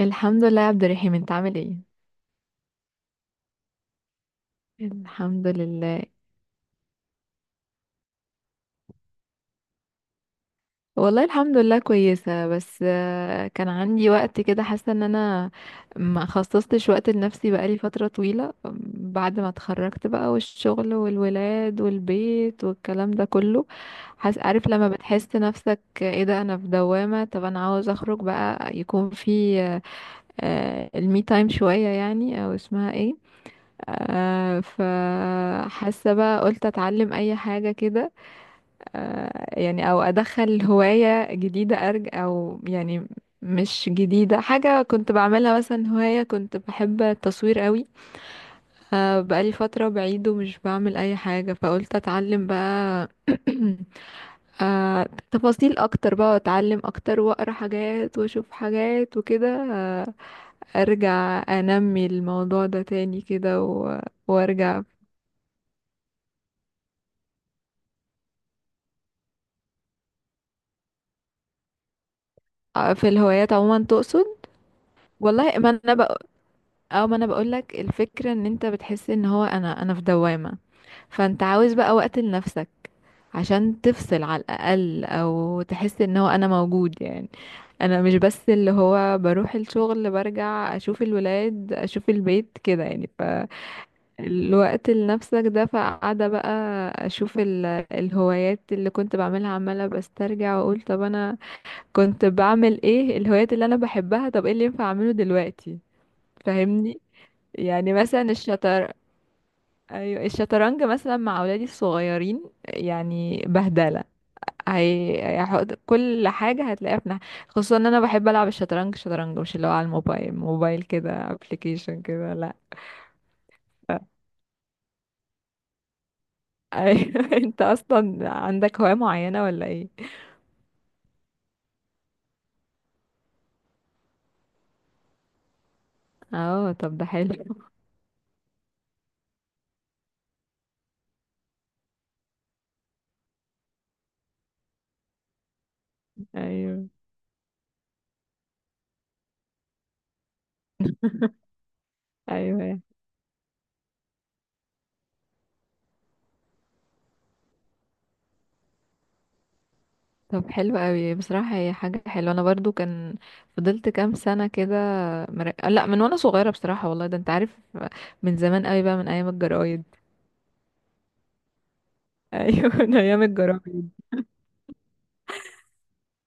الحمد لله يا عبد الرحيم، انت عامل ايه؟ الحمد لله. والله الحمد لله، كويسة، بس كان عندي وقت كده، حاسة ان انا ما خصصتش وقت لنفسي بقالي فترة طويلة. بعد ما اتخرجت بقى، والشغل والولاد والبيت والكلام ده كله. حاسة، عارف لما بتحس نفسك ايه ده؟ انا في دوامة. طب انا عاوز اخرج بقى، يكون في المي تايم شوية يعني، او اسمها ايه. فحاسة بقى، قلت اتعلم اي حاجة كده. يعني او ادخل هواية جديدة، او يعني مش جديدة، حاجة كنت بعملها مثلا، هواية كنت بحب التصوير قوي. فبقالي فترة بعيد ومش بعمل اي حاجة، فقلت اتعلم بقى. تفاصيل اكتر بقى، واتعلم اكتر واقرا حاجات واشوف حاجات وكده. آه، ارجع انمي الموضوع ده تاني كده وارجع. في الهوايات عموما تقصد؟ والله ما انا، اه، ما انا بقولك، الفكرة ان انت بتحس ان هو انا في دوامة. فانت عاوز بقى وقت لنفسك، عشان تفصل على الاقل، او تحس ان هو انا موجود يعني. انا مش بس اللي هو بروح الشغل برجع اشوف الولاد اشوف البيت كده يعني. فالوقت لنفسك ده، فقاعدة بقى اشوف الهوايات اللي كنت بعملها، عمالة بسترجع واقول طب انا كنت بعمل ايه؟ الهوايات اللي انا بحبها، طب ايه اللي ينفع اعمله دلوقتي؟ فاهمني. يعني مثلا ايوه الشطرنج مثلا مع اولادي الصغيرين، يعني بهدله. هيحط كل حاجه هتلاقيها في ناحية. خصوصا ان انا بحب العب الشطرنج، شطرنج مش اللي هو على الموبايل، موبايل كده، ابلكيشن كده، لا. ايوه. انت اصلا عندك هوايه معينه ولا ايه؟ اه، طب ده حلو. ايوه، ايوه. طب حلو قوي بصراحه، هي حاجه حلوه، انا برضو كان فضلت كام سنه كده. لا، من وانا صغيره بصراحه، والله ده انت عارف، من زمان قوي بقى، من ايام الجرايد. ايوه. من ايام الجرابيب.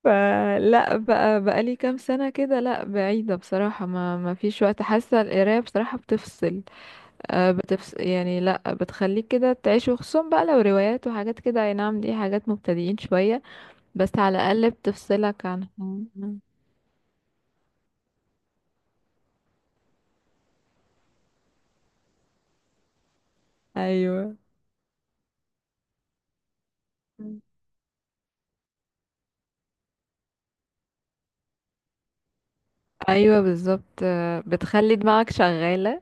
فلا، بقى لي كام سنه كده، لا بعيده بصراحه، ما فيش وقت، حاسه القرايه بصراحه بتفصل. بتفصل يعني، لا بتخليك كده تعيش، وخصوصا بقى لو روايات وحاجات كده، اي نعم، دي حاجات مبتدئين شويه، بس على الاقل بتفصلك عن ايوه، ايوه، بالظبط. بتخلي دماغك شغاله،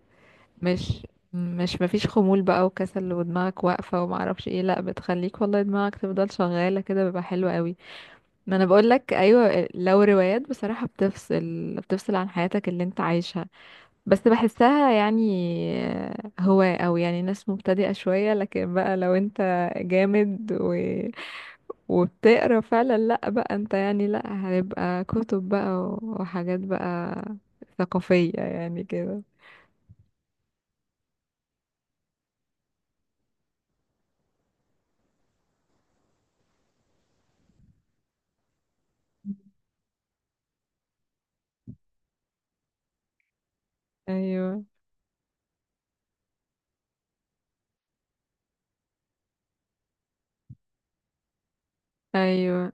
مش مش مفيش خمول بقى وكسل ودماغك واقفه وما اعرفش ايه، لا بتخليك والله دماغك تفضل شغاله كده، بيبقى حلو قوي. ما انا بقول لك، ايوه، لو روايات بصراحه بتفصل بتفصل عن حياتك اللي انت عايشها، بس بحسها يعني هو، او يعني ناس مبتدئه شويه، لكن بقى لو انت جامد وبتقرا فعلا، لا بقى انت يعني، لا هيبقى كتب بقى وحاجات بقى ثقافيه يعني كده. ايوه، ايوه،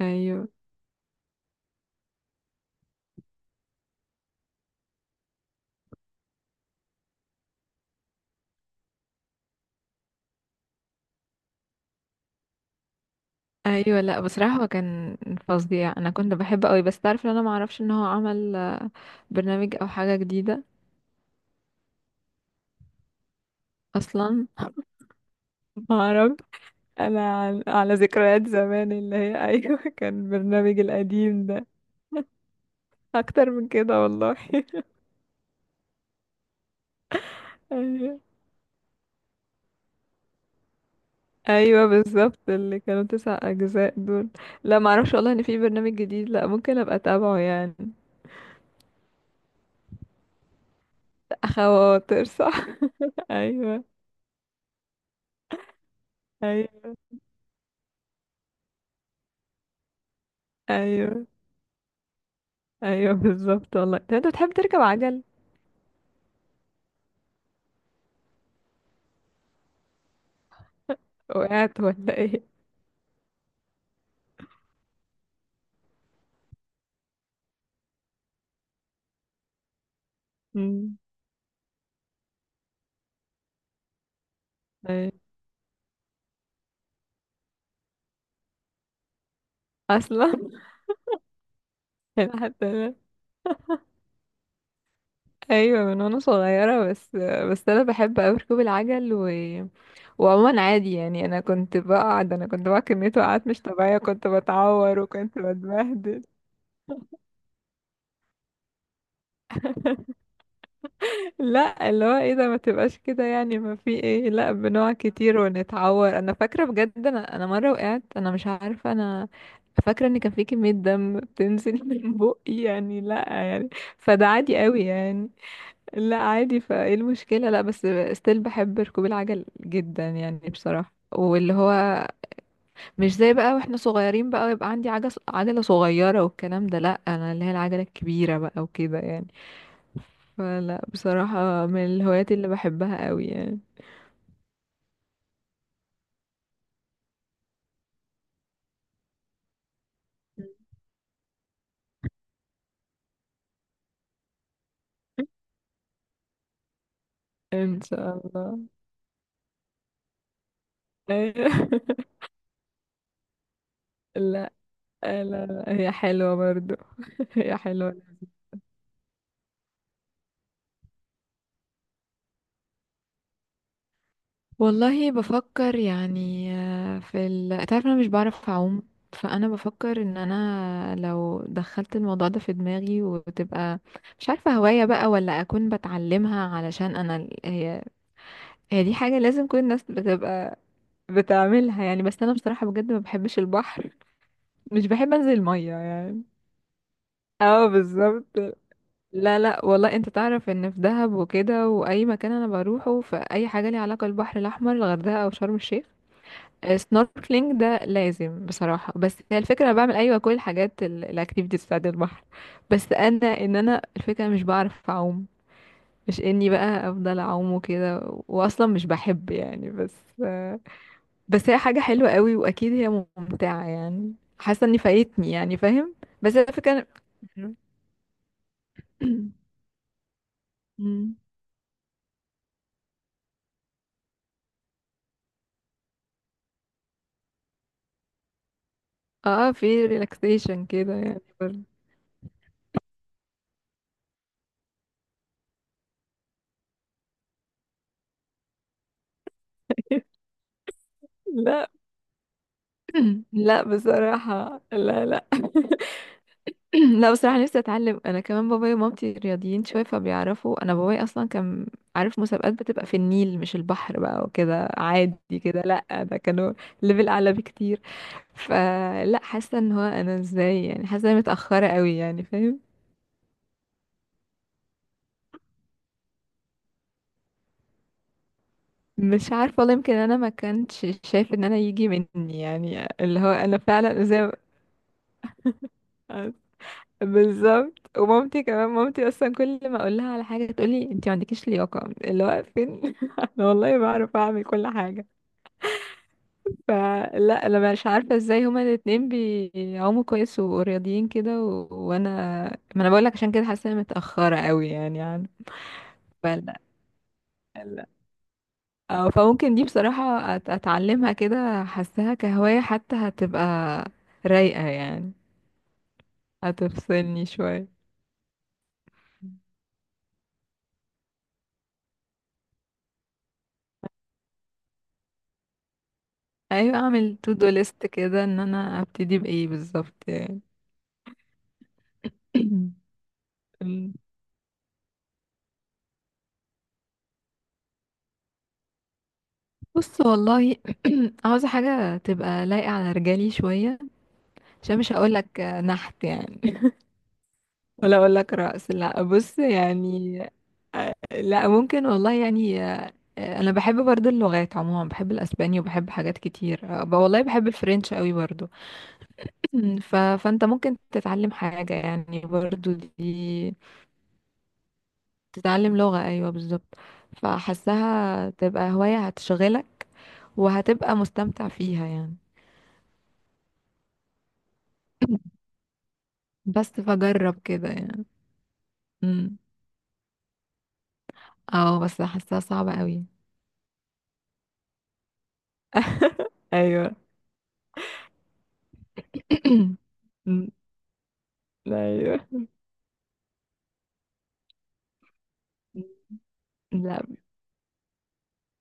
ايوه، ايوه. لا بصراحه هو كان فظيع، انا كنت بحبه قوي، بس تعرف ان انا ما اعرفش ان هو عمل برنامج او حاجه جديده اصلا. ما اعرف، انا على ذكريات زمان اللي هي، ايوه، كان البرنامج القديم ده، اكتر من كده والله. ايوه، ايوه، بالظبط، اللي كانوا تسع اجزاء دول. لا ما اعرفش والله ان في برنامج جديد، لا، ممكن ابقى اتابعه يعني. خواطر، صح. ايوه، ايوه، ايوه، ايوه، بالظبط والله. طب انت بتحب تركب عجل؟ وقعت ولا ايه؟ مم. أيوة. اصلا. أنا حتى أنا- ايوه من وانا صغيره، بس بس انا بحب اوي ركوب العجل وعموما عادي يعني، انا كنت بقعد كميه وقعات مش طبيعيه، كنت بتعور وكنت بتبهدل. لا اللي هو ايه ده، ما تبقاش كده يعني، ما في ايه، لا، بنقع كتير ونتعور. انا فاكره بجد انا مره وقعت، انا مش عارفه، انا فاكره ان كان في كميه دم بتنزل من بقي يعني، لا يعني، فده عادي قوي يعني. لا عادي، فايه المشكلة، لا بس ستيل بحب ركوب العجل جدا يعني بصراحة، واللي هو مش زي بقى واحنا صغيرين بقى، ويبقى عندي عجلة صغيرة والكلام ده، لا انا اللي هي العجلة الكبيرة بقى وكده يعني. فلا بصراحة، من الهوايات اللي بحبها قوي يعني. ان شاء الله. لا، لا، لا، هي حلوة برضو. هي حلوة. والله بفكر يعني، في تعرف انا مش بعرف اعوم. فانا بفكر ان انا لو دخلت الموضوع ده في دماغي، وتبقى مش عارفة هواية بقى ولا اكون بتعلمها، علشان انا هي، هي دي حاجة لازم كل الناس بتبقى بتعملها يعني. بس انا بصراحة بجد ما بحبش البحر، مش بحب انزل المية يعني. اه بالظبط. لا، لا، والله انت تعرف ان في دهب وكده، واي مكان انا بروحه، فاي حاجة ليها علاقة بالبحر الاحمر، الغردقة او شرم الشيخ، سنوركلينج ده لازم بصراحة. بس هي الفكرة، انا بعمل ايوه كل الحاجات الاكتيفيتيز بتاعت البحر، بس انا، ان انا الفكرة مش بعرف اعوم، مش اني بقى افضل اعوم وكده، واصلا مش بحب يعني. بس بس هي حاجة حلوة قوي، واكيد هي ممتعة يعني، حاسة اني فايتني يعني، فاهم. بس هي الفكرة إن- مم. اه، في ريلاكسيشن كده يعني برضه. لا. لا بصراحة، لا، لا. لا بصراحة، نفسي اتعلم، انا كمان بابايا ومامتي رياضيين شوية فبيعرفوا، انا بابايا اصلا كان عارف مسابقات بتبقى في النيل مش البحر بقى وكده عادي كده، لا ده كانوا ليفل اعلى بكتير. فلا، حاسة ان هو انا ازاي يعني، حاسة اني متأخرة قوي يعني، فاهم. مش عارفة والله، يمكن انا ما كنتش شايف ان انا يجي مني يعني، اللي هو انا فعلا ازاي. بالظبط، ومامتي كمان، مامتي اصلا كل ما اقول لها على حاجه تقولي انت ما عندكيش لياقه، اللي هو فين. انا والله بعرف اعمل كل حاجه. فلا انا مش عارفه ازاي هما الاتنين بيعوموا كويس ورياضيين كده وانا، ما انا بقول لك، عشان كده حاسه إني متاخره قوي يعني فلا، أو فممكن دي بصراحه اتعلمها كده، حاساها كهوايه حتى، هتبقى رايقه يعني، هتفصلني شويه. ايوه، اعمل تو دو ليست كده ان انا ابتدي بايه بالظبط يعني. مم. بص والله. عاوزه حاجه تبقى لايقه على رجالي شويه، عشان مش هقول لك نحت يعني. ولا اقول لك رأس، لا بص يعني. لا ممكن والله يعني، انا بحب برضو اللغات عموما، بحب الاسباني وبحب حاجات كتير، والله بحب الفرنش قوي برضو. فانت ممكن تتعلم حاجه يعني برضو دي، تتعلم لغة، ايوه بالظبط. فحسها تبقى هواية هتشغلك، وهتبقى مستمتع فيها يعني. بس فجرب كده يعني. امم. اه، بس حاساها صعبة قوي. ايوه. أمم، ايوه، لا،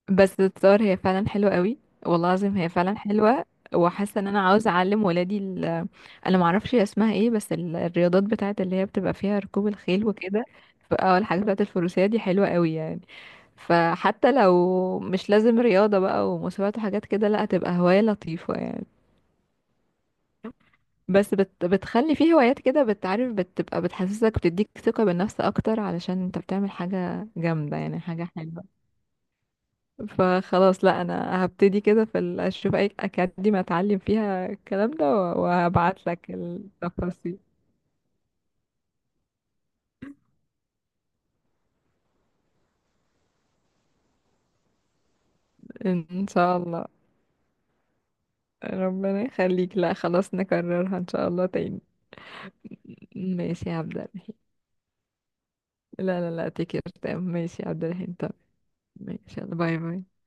بس الصور هي فعلا حلوة قوي، والله العظيم هي فعلا حلوة. وحاسة ان انا عاوزة اعلم ولادي انا معرفش هي اسمها ايه، بس الرياضات بتاعت اللي هي بتبقى فيها ركوب الخيل وكده. اه، الحاجات بتاعت الفروسية دي حلوة قوي يعني. فحتى لو مش لازم رياضة بقى ومسابقات وحاجات كده، لا هتبقى هواية لطيفة يعني. بس، بتخلي فيه هوايات كده بتعرف، بتبقى بتحسسك، بتديك ثقة بالنفس أكتر علشان انت بتعمل حاجة جامدة يعني، حاجة حلوة. فخلاص لا أنا هبتدي كده في أشوف أي أكاديمية أتعلم فيها الكلام ده، وهبعت لك التفاصيل. إن شاء الله. ربنا يخليك، لا خلاص، نكررها إن شاء الله تاني. ماشي يا عبد الرحيم. لا، لا، لا، تكير تمام، ماشي يا عبد الرحيم. ماشي، يلا باي باي.